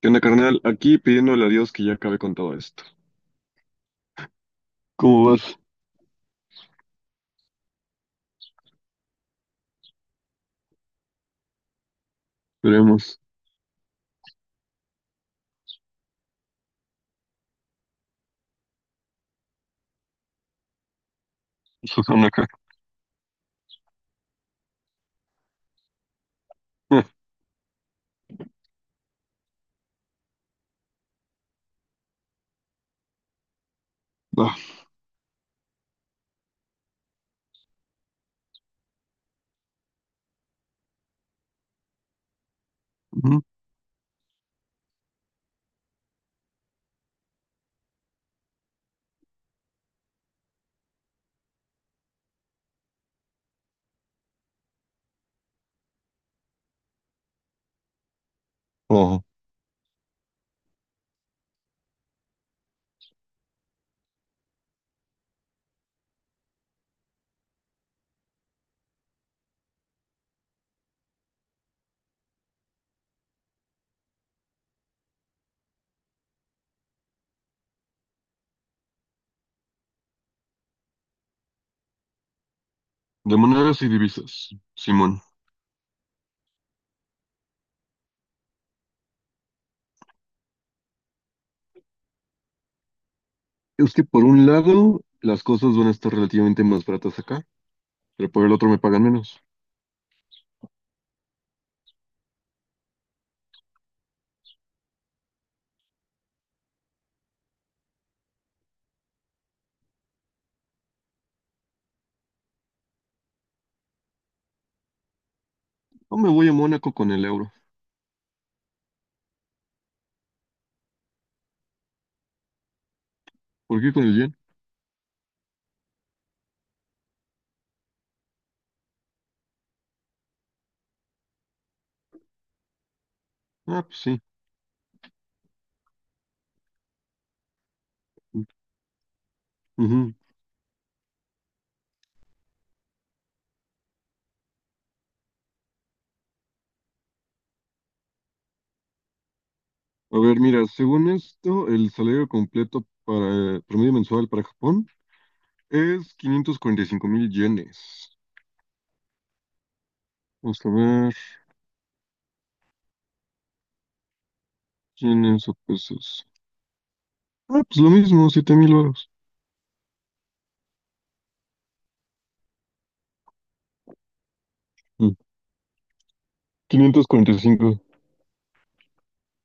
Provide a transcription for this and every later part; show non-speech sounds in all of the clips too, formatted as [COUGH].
¿Qué onda, carnal? Aquí pidiéndole a Dios que ya acabe con todo esto. ¿Cómo vas? Veremos. Susana acá. [LAUGHS] Ah, va. Ujú. Oh. De monedas y divisas, Simón. Es que por un lado, las cosas van a estar relativamente más baratas acá, pero por el otro me pagan menos. No me voy a Mónaco con el euro. ¿Por qué con el yen? Ah, pues sí. Ujú. A ver, mira, según esto, el salario completo para promedio mensual para Japón es 545 mil yenes. Vamos a ver, ¿yenes o pesos? Ah, pues lo mismo, 7.000 varos. Mm. 545.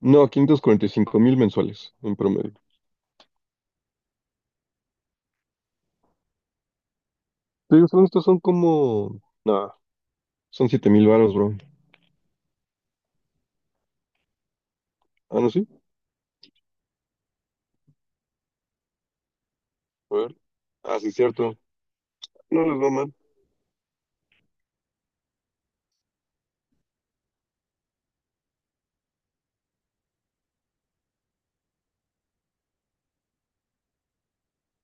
No, 545.000 mensuales en promedio. Te digo, son estos son como... Nah, son 7.000 varos, bro. Ah, ¿no sí? A ver. Ah, sí, cierto. No les va mal.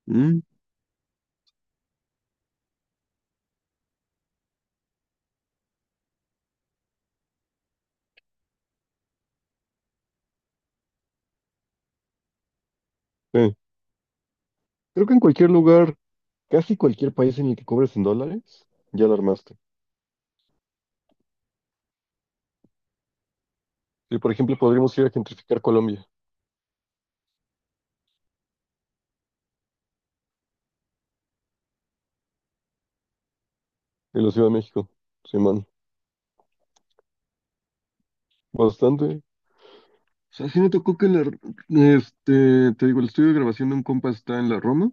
Mm, sí. Creo que en cualquier lugar, casi cualquier país en el que cobres en dólares, ya la armaste. Sí, por ejemplo, podríamos ir a gentrificar Colombia y la Ciudad de México. Sí, man. Bastante. O sea, sí me tocó que la... Este, te digo, el estudio de grabación de un compa está en la Roma.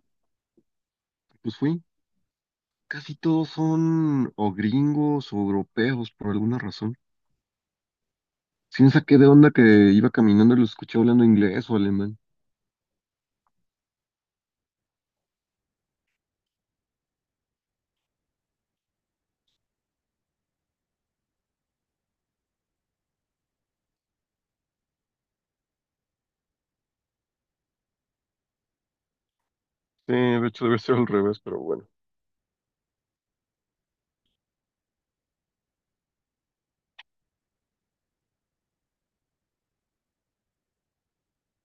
Pues fui. Casi todos son o gringos o europeos por alguna razón. Sí me saqué de onda que iba caminando y lo escuché hablando inglés o alemán. Sí, de hecho debe ser al revés, pero bueno.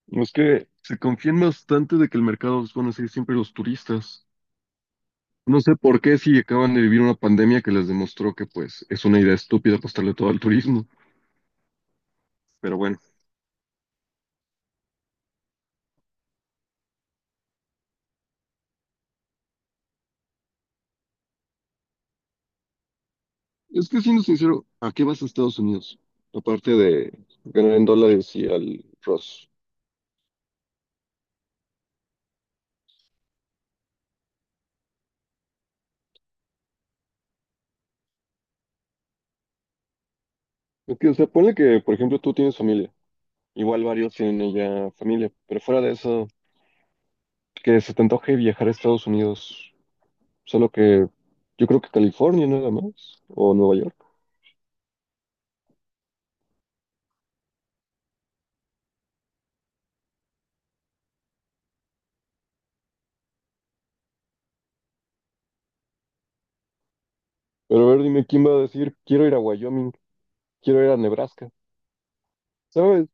No, es que se confían bastante de que el mercado los van a ser siempre los turistas. No sé por qué si acaban de vivir una pandemia que les demostró que pues es una idea estúpida apostarle todo al turismo. Pero bueno, es que siendo sincero, ¿a qué vas a Estados Unidos? Aparte de ganar en dólares y al Ross. Es que, o sea, ponle que, por ejemplo, tú tienes familia. Igual varios tienen ya familia, pero fuera de eso, que se te antoje viajar a Estados Unidos, solo que yo creo que California nada más, o Nueva York. Pero a ver, dime quién va a decir, quiero ir a Wyoming, quiero ir a Nebraska, ¿sabes?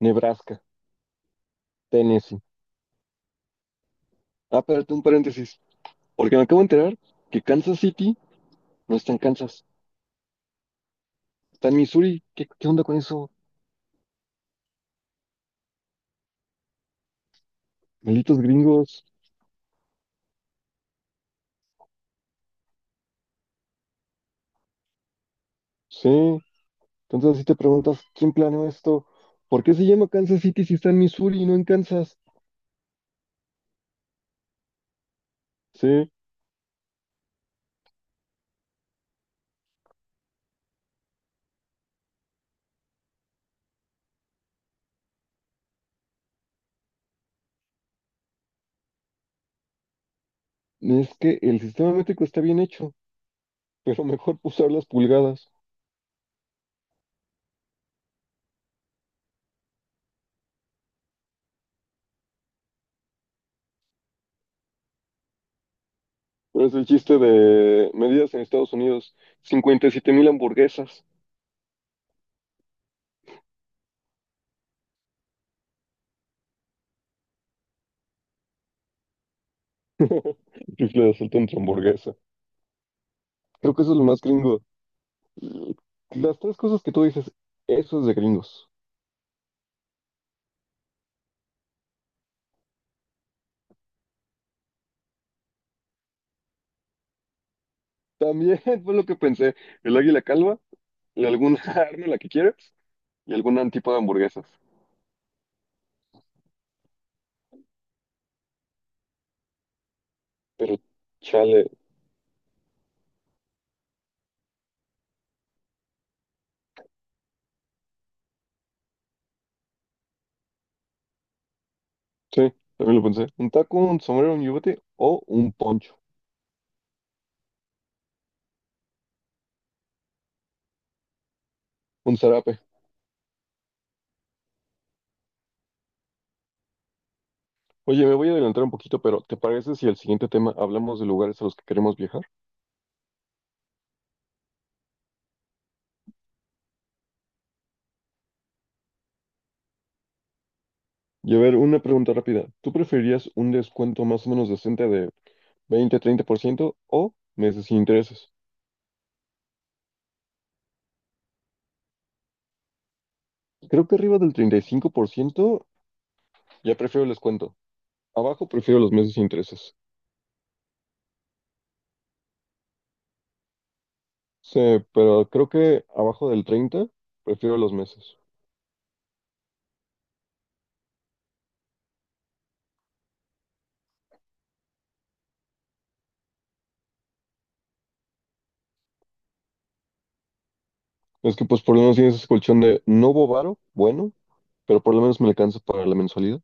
Nebraska, Tennessee. Ah, espérate un paréntesis, porque me acabo de enterar que Kansas City no está en Kansas, está en Missouri. ¿Qué, qué onda con eso? Malditos gringos. Sí, entonces así te preguntas, ¿quién planeó esto? ¿Por qué se llama Kansas City si está en Missouri y no en Kansas? Sí. Es que el sistema métrico está bien hecho, pero mejor usar las pulgadas. Pero es el chiste de medidas en Estados Unidos, 57 mil hamburguesas. [LAUGHS] Rifle de asalto entre hamburguesa. Creo que eso es lo más gringo. Las tres cosas que tú dices, eso es de gringos. También [LAUGHS] fue lo que pensé, el águila calva, y alguna [LAUGHS] arma la que quieras, y algún tipo de hamburguesas. Pero chale, sí, también lo pensé. Un taco, un sombrero, un yubete o un poncho, un zarape. Oye, me voy a adelantar un poquito, pero ¿te parece si el siguiente tema hablamos de lugares a los que queremos viajar? Y a ver, una pregunta rápida. ¿Tú preferirías un descuento más o menos decente de 20, 30% o meses sin intereses? Creo que arriba del 35% ya prefiero el descuento. Abajo prefiero los meses sin intereses. Sí, pero creo que abajo del 30 prefiero los meses. Es que pues por lo menos tienes ese colchón de no hubo varo, bueno, pero por lo menos me alcanza para la mensualidad.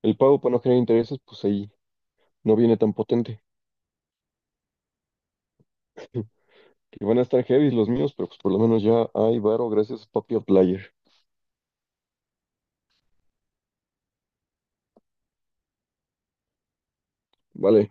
El pago para no generar intereses, pues ahí no viene tan potente. Que van a estar heavy los míos, pero pues por lo menos ya hay varo, gracias Papi player. Vale,